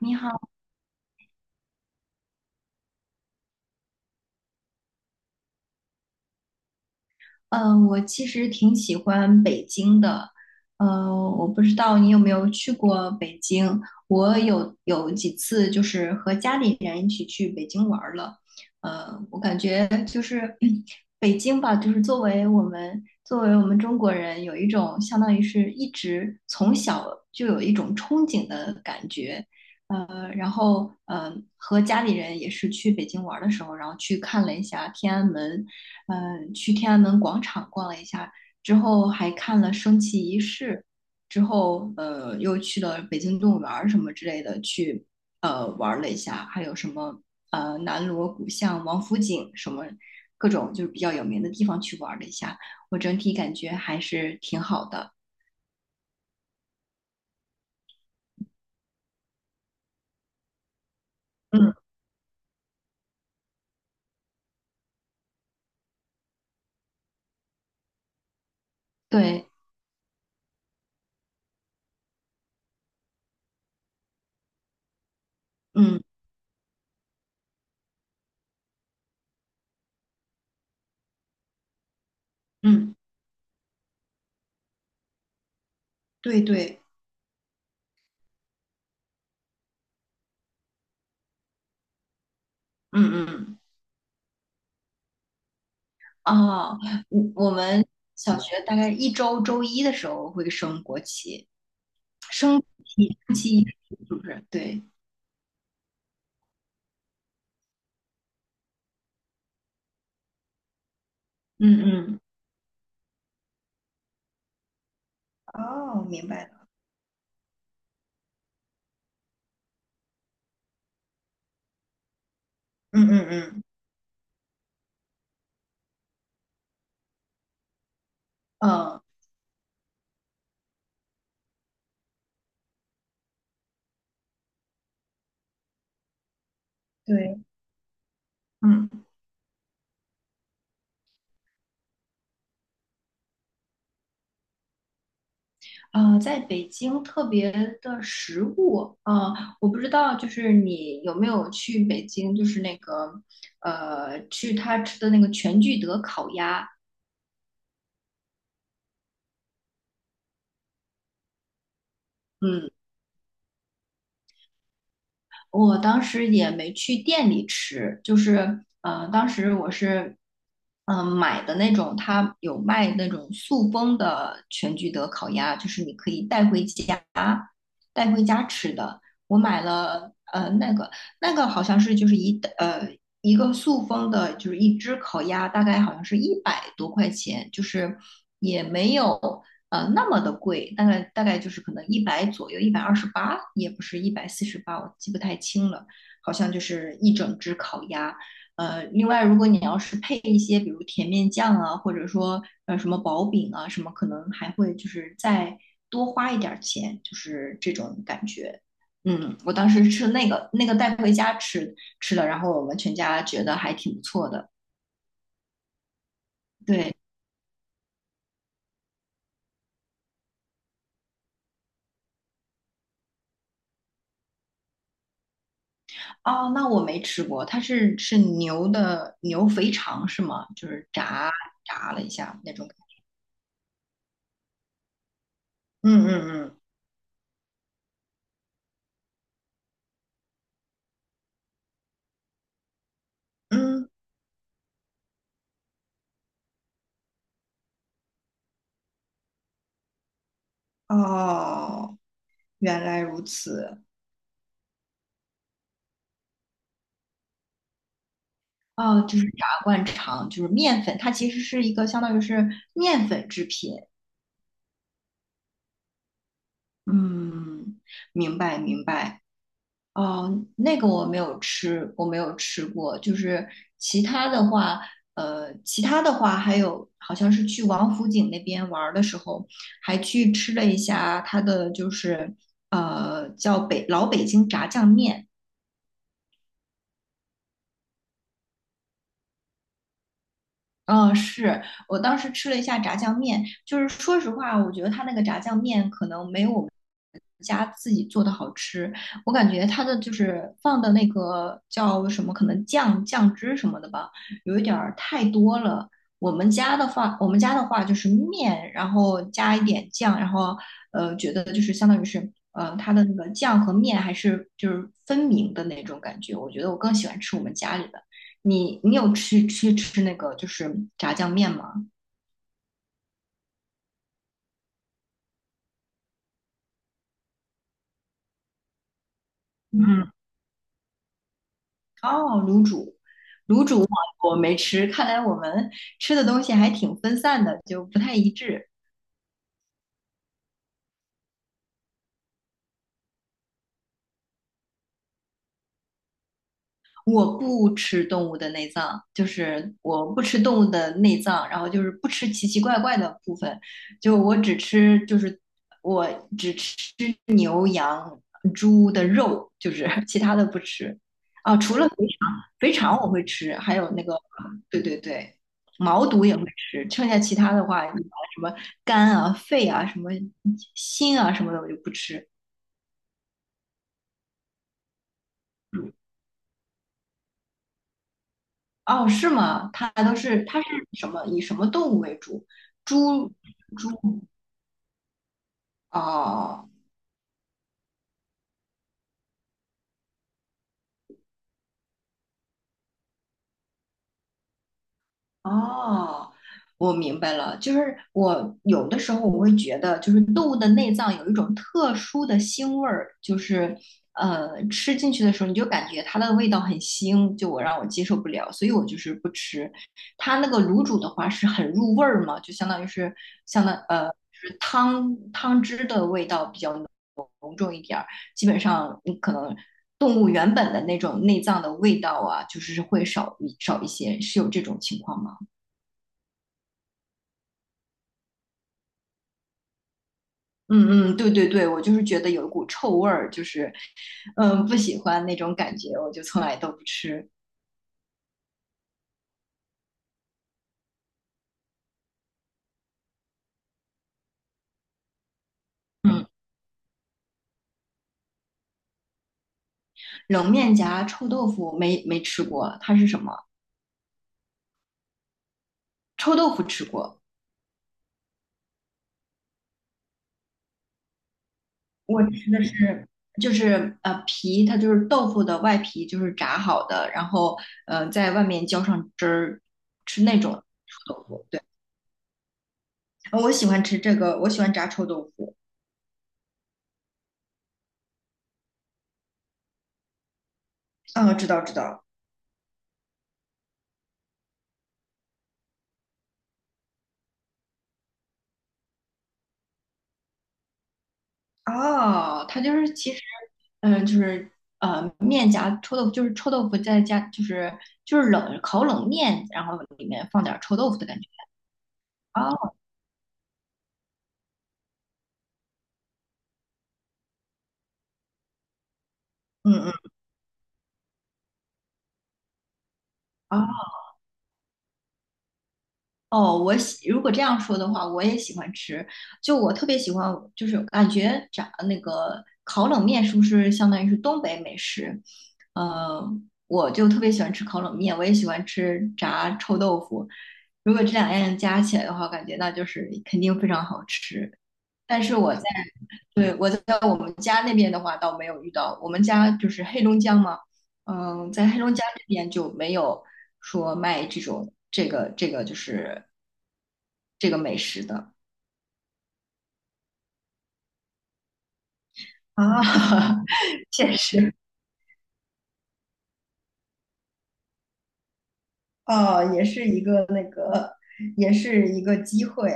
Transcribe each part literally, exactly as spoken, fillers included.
你好，嗯、我其实挺喜欢北京的，呃，我不知道你有没有去过北京，我有有几次就是和家里人一起去北京玩儿了，呃，我感觉就是 北京吧，就是作为我们作为我们中国人，有一种相当于是一直从小就有一种憧憬的感觉，呃，然后呃和家里人也是去北京玩儿的时候，然后去看了一下天安门。嗯，去天安门广场逛了一下，之后还看了升旗仪式，之后呃又去了北京动物园儿什么之类的去呃玩了一下，还有什么呃南锣鼓巷、王府井什么各种就是比较有名的地方去玩了一下，我整体感觉还是挺好的。嗯，对，嗯嗯，对对，嗯嗯。哦，我我们小学大概一周周一的时候会升国旗，生体记忆是不是？对，嗯嗯，哦，明白了，嗯嗯嗯，呃对，嗯，呃，在北京特别的食物，呃，我不知道，就是你有没有去北京，就是那个呃，去他吃的那个全聚德烤鸭，嗯。我当时也没去店里吃，就是呃，当时我是嗯、呃买的那种，他有卖那种塑封的全聚德烤鸭，就是你可以带回家带回家吃的。我买了呃那个那个好像是就是一呃一个塑封的，就是一只烤鸭，大概好像是一百多块钱，就是也没有。呃那么的贵，大概大概就是可能一百左右，一百二十八，也不是一百四十八，我记不太清了，好像就是一整只烤鸭。呃，另外如果你要是配一些比如甜面酱啊，或者说呃什么薄饼啊什么，可能还会就是再多花一点儿钱，就是这种感觉。嗯，我当时吃那个那个带回家吃吃了，然后我们全家觉得还挺不错的。对，哦，那我没吃过，它是是牛的牛肥肠是吗？就是炸炸了一下那种感觉。嗯嗯嗯嗯，哦，原来如此。哦，就是炸灌肠，就是面粉，它其实是一个相当于是面粉制品。嗯，明白明白。哦，那个我没有吃，我没有吃过。就是其他的话，呃，其他的话还有，好像是去王府井那边玩儿的时候，还去吃了一下它的，就是呃，叫北老北京炸酱面。嗯，是。我当时吃了一下炸酱面，就是说实话，我觉得他那个炸酱面可能没有我们家自己做的好吃。我感觉他的就是放的那个叫什么，可能酱酱汁什么的吧，有一点儿太多了。我们家的话，我们家的话就是面，然后加一点酱，然后呃，觉得就是相当于是呃，它的那个酱和面还是就是分明的那种感觉。我觉得我更喜欢吃我们家里的。你你有去去吃那个就是炸酱面吗？嗯，哦，卤煮我没吃，看来我们吃的东西还挺分散的，就不太一致。我不吃动物的内脏，就是我不吃动物的内脏，然后就是不吃奇奇怪怪的部分，就我只吃就是我只吃牛羊猪的肉，就是 其他的不吃啊，除了肥肠，肥肠我会吃，还有那个对对对，毛肚也会吃，剩下其他的话，什么肝啊、肺啊、什么心啊什么的我就不吃，嗯，哦，是吗？它都是它是什么？以什么动物为主？猪猪，哦哦，我明白了。就是我有的时候我会觉得，就是动物的内脏有一种特殊的腥味儿，就是呃吃进去的时候你就感觉它的味道很腥，就我让我接受不了，所以我就是不吃。它那个卤煮的话是很入味儿嘛，就相当于是相当呃。就是汤汤汁的味道比较浓。基本上你可能动物原本的那种内脏的味道啊，就是会少一少一些，是有这种情况吗？嗯嗯，对对对，我就是觉得有一股臭味儿，就是嗯不喜欢那种感觉，我就从来都不吃。嗯，冷面夹臭豆腐没没吃过，它是什么？臭豆腐吃过，我吃的是就是呃皮，它就是豆腐的外皮，就是炸好的，然后呃在外面浇上汁儿，吃那种臭豆腐。哦我喜欢吃这个，我喜欢炸臭豆腐。嗯，知道知道。哦，它就是其实，嗯，就是呃，面夹臭豆腐，就是臭豆腐再加，就是就是冷烤冷面，然后里面放点儿臭豆腐的感觉。哦，嗯嗯，哦哦，我喜，如果这样说的话，我也喜欢吃。就我特别喜欢，就是感觉炸那个烤冷面是不是相当于是东北美食？呃，我就特别喜欢吃烤冷面，我也喜欢吃炸臭豆腐。如果这两样加起来的话，感觉那就是肯定非常好吃。但是我在，对，我在我们家那边的话倒没有遇到，我们家就是黑龙江嘛，嗯，在黑龙江这边就没有说卖这种这个这个就是这个美食的啊，现实。哦，也是一个那个，也是一个机会。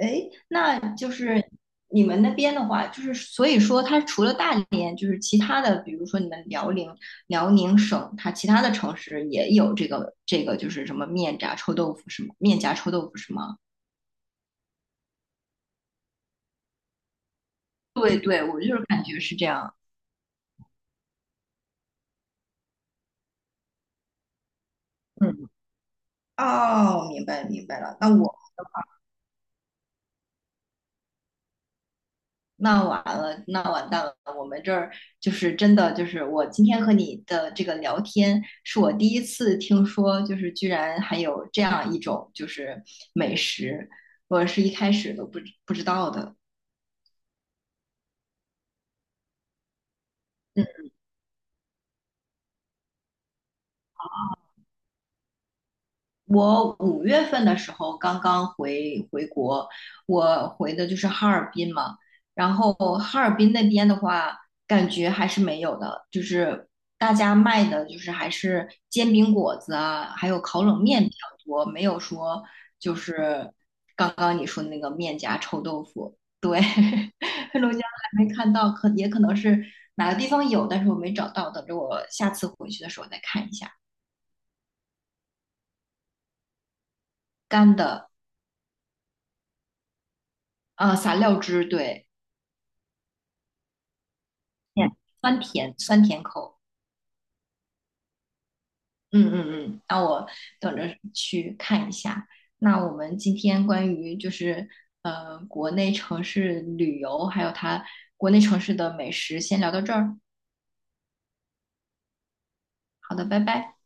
哎，那就是你们那边的话，就是所以说，它除了大连，就是其他的，比如说你们辽宁、辽宁省，它其他的城市也有这个这个，就是什么面炸臭豆腐是吗？面夹臭豆腐是吗？对对，我就是感觉是这样。嗯，哦，明白明白了。那我。那完了，那完蛋了！我们这儿就是真的，就是我今天和你的这个聊天，是我第一次听说，就是居然还有这样一种就是美食，我是一开始都不不知道的。我五月份的时候刚刚回回国，我回的就是哈尔滨嘛。然后哈尔滨那边的话，感觉还是没有的，就是大家卖的就是还是煎饼果子啊，还有烤冷面比较多，没有说就是刚刚你说的那个面夹臭豆腐。对，黑龙江还没看到，可也可能是哪个地方有，但是我没找到，等着我下次回去的时候再看一下。干的，啊，撒料汁，对。甜，酸甜酸甜口。嗯嗯嗯，那我等着去看一下。那我们今天关于就是呃国内城市旅游，还有它国内城市的美食，先聊到这儿。好的，拜拜。